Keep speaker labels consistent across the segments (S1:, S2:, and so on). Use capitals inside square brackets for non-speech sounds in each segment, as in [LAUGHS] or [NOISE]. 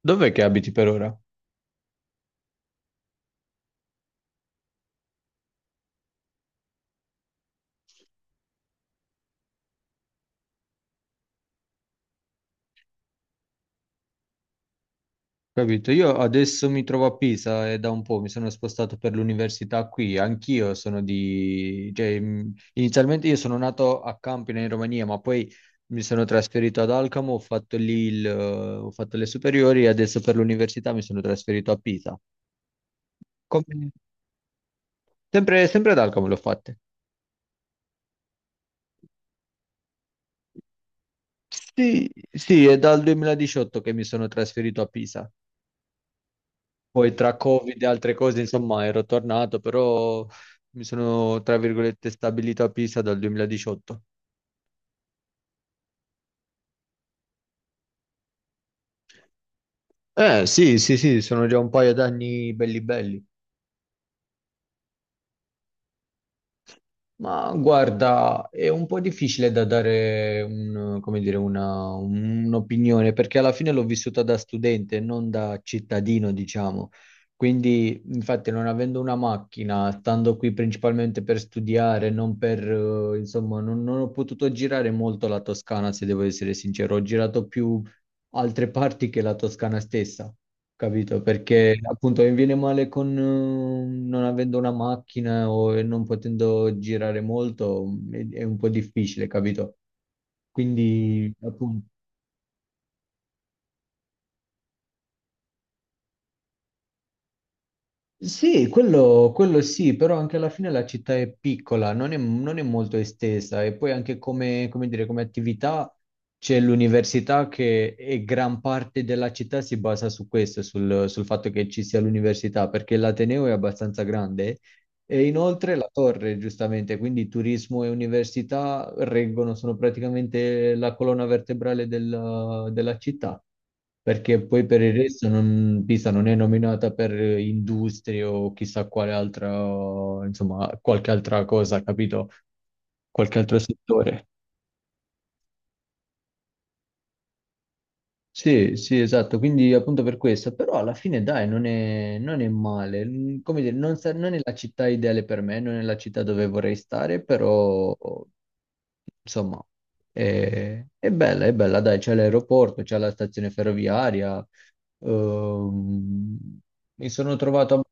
S1: Dov'è che abiti per ora? Capito? Io adesso mi trovo a Pisa e da un po' mi sono spostato per l'università qui. Anch'io sono di... cioè, inizialmente io sono nato a Campina in Romania, ma poi mi sono trasferito ad Alcamo, ho fatto le superiori e adesso per l'università mi sono trasferito a Pisa. Come- sempre ad Alcamo l'ho fatte. Sì, sì, è dal 2018 che mi sono trasferito a Pisa. Poi tra Covid e altre cose, insomma, ero tornato, però mi sono, tra virgolette, stabilito a Pisa dal 2018. Eh sì, sì, sì, sono già un paio d'anni belli belli. Ma guarda, è un po' difficile da dare come dire, un'opinione perché alla fine l'ho vissuta da studente, non da cittadino, diciamo. Quindi, infatti, non avendo una macchina, stando qui principalmente per studiare, non per, insomma, non ho potuto girare molto la Toscana, se devo essere sincero. Ho girato più altre parti che la Toscana stessa. Capito? Perché appunto mi viene male con non avendo una macchina o non potendo girare molto, è un po' difficile, capito? Quindi appunto sì, quello sì, però anche alla fine la città è piccola, non è molto estesa e poi anche come, come dire, come attività c'è l'università che gran parte della città si basa su questo, sul fatto che ci sia l'università, perché l'Ateneo è abbastanza grande. E inoltre la torre, giustamente, quindi turismo e università reggono, sono praticamente la colonna vertebrale della città, perché poi per il resto Pisa non è nominata per industrie o chissà quale altra, insomma, qualche altra cosa, capito? Qualche altro settore. Sì, sì, esatto, quindi appunto per questo, però alla fine dai, non è male. Mm, come dire, non, non è la città ideale per me, non è la città dove vorrei stare, però insomma è bella, dai, c'è l'aeroporto, c'è la stazione ferroviaria, ehm, mi sono trovato.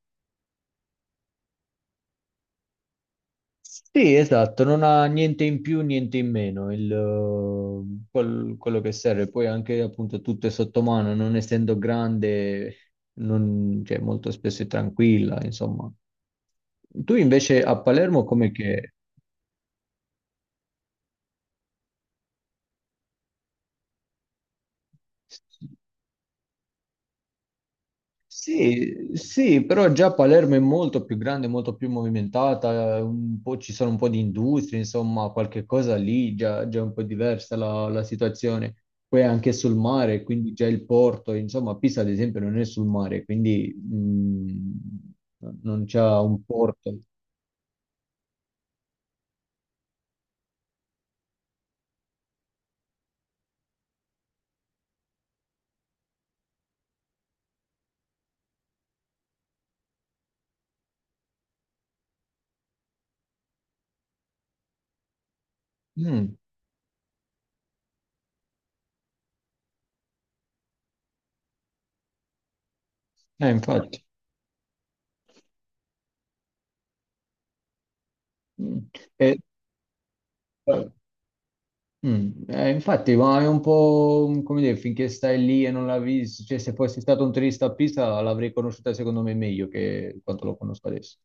S1: Sì, esatto, non ha niente in più, niente in meno, quello che serve. Poi anche appunto tutto è sotto mano, non essendo grande, cioè, molto spesso è tranquilla, insomma. Tu invece a Palermo come che... Sì, sì, però già Palermo è molto più grande, molto più movimentata, un po' ci sono un po' di industrie, insomma, qualche cosa lì già, già è un po' diversa la situazione. Poi anche sul mare, quindi già il porto, insomma, Pisa ad esempio non è sul mare, quindi non c'ha un porto. Mm, infatti. Mm. E- eh, Mm, infatti, ma è un po' come dire, finché stai lì e non la vedi, cioè se fossi stato un turista a Pisa l'avrei conosciuta secondo me meglio che quanto lo conosco adesso.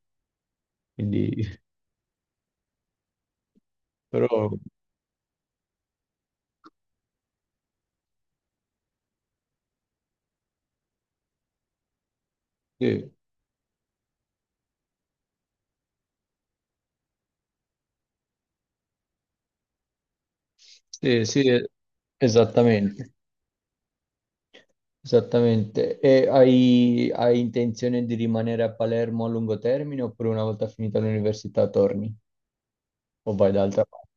S1: Quindi, [LAUGHS] però, sì, sì, sì, esattamente, esattamente. E hai, hai intenzione di rimanere a Palermo a lungo termine oppure una volta finita l'università torni o vai da altra parte?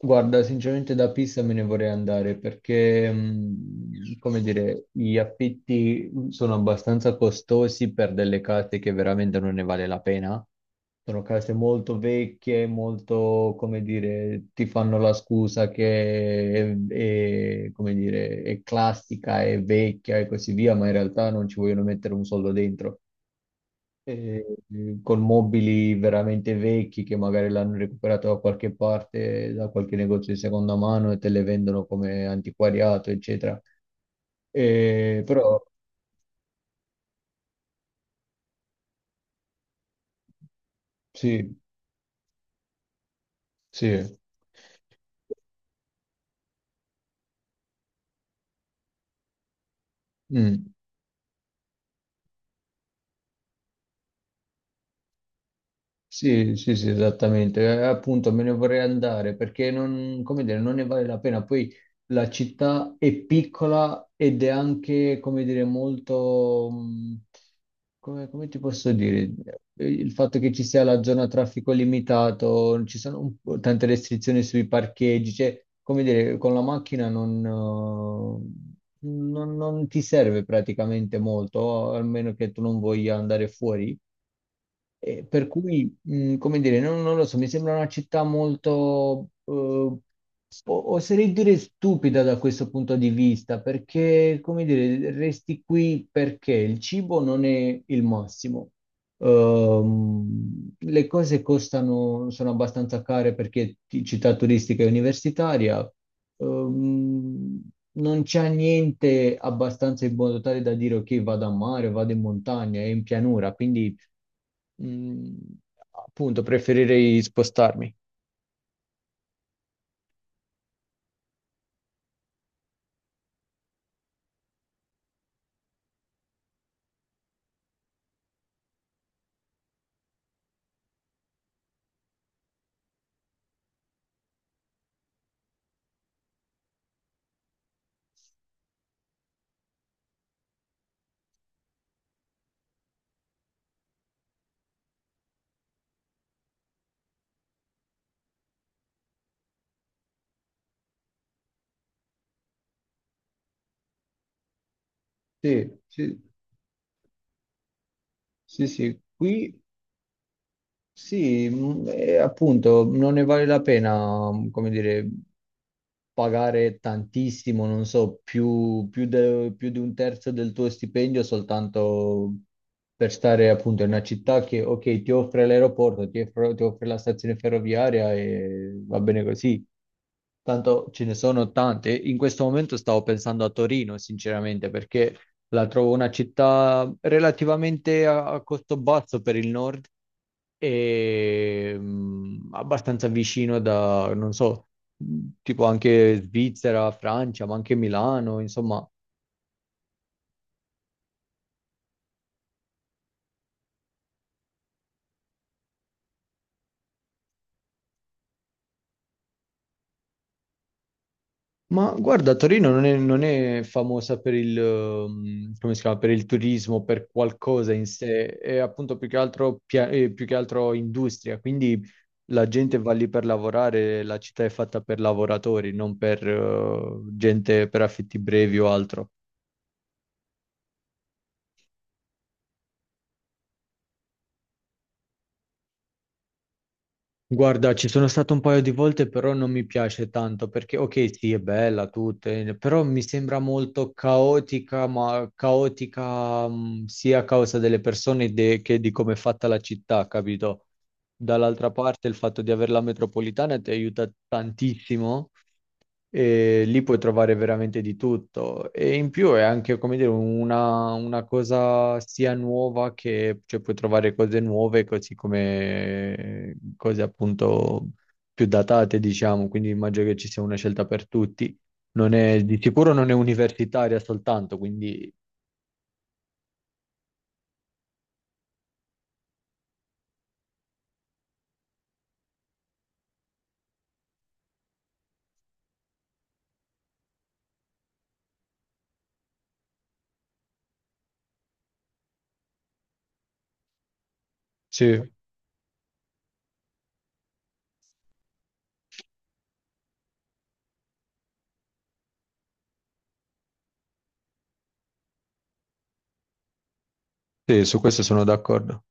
S1: Guarda, sinceramente da Pisa me ne vorrei andare perché, come dire, gli affitti sono abbastanza costosi per delle case che veramente non ne vale la pena. Sono case molto vecchie, molto, come dire, ti fanno la scusa che è, come dire, è classica, è vecchia e così via, ma in realtà non ci vogliono mettere un soldo dentro eh, con mobili veramente vecchi che magari l'hanno recuperato da qualche parte, da qualche negozio di seconda mano e te le vendono come antiquariato, eccetera. Però sì, sì. Mm. Sì, sì, sì, esattamente. Appunto, me ne vorrei andare perché non, come dire, non ne vale la pena. Poi la città è piccola ed è anche, come dire, molto, come, come ti posso dire? Il fatto che ci sia la zona a traffico limitato, ci sono un po' tante restrizioni sui parcheggi, cioè, come dire, con la macchina non, non ti serve praticamente molto, almeno che tu non voglia andare fuori. Per cui, come dire, non, non lo so, mi sembra una città molto, oserei dire stupida da questo punto di vista, perché, come dire, resti qui perché il cibo non è il massimo. Le cose costano, sono abbastanza care perché città turistica e universitaria. Ehm, non c'è niente abbastanza in modo tale da dire ok, vado a mare, vado in montagna, è in pianura, quindi mm, appunto, preferirei spostarmi. Sì, sì, sì, sì, qui sì, e appunto, non ne vale la pena, come dire, pagare tantissimo, non so, più di un terzo del tuo stipendio soltanto per stare appunto in una città che, ok, ti offre l'aeroporto, ti offre la stazione ferroviaria e va bene così. Tanto ce ne sono tante. In questo momento stavo pensando a Torino, sinceramente, perché la trovo una città relativamente a costo basso per il nord e abbastanza vicino da, non so, tipo anche Svizzera, Francia, ma anche Milano, insomma. Ma guarda, Torino non è famosa per come si chiama, per il turismo, per qualcosa in sé, è appunto più che altro, più che altro industria, quindi la gente va lì per lavorare, la città è fatta per lavoratori, non per, gente per affitti brevi o altro. Guarda, ci sono stato un paio di volte, però non mi piace tanto perché, ok, sì, è bella tutta, però mi sembra molto caotica, ma caotica, sia a causa delle persone che di come è fatta la città, capito? Dall'altra parte, il fatto di avere la metropolitana ti aiuta tantissimo e lì puoi trovare veramente di tutto e in più è anche come dire una cosa sia nuova che cioè, puoi trovare cose nuove così come cose appunto più datate diciamo, quindi immagino che ci sia una scelta per tutti. Non è, di sicuro non è universitaria soltanto, quindi sì, sì, su questo sono d'accordo.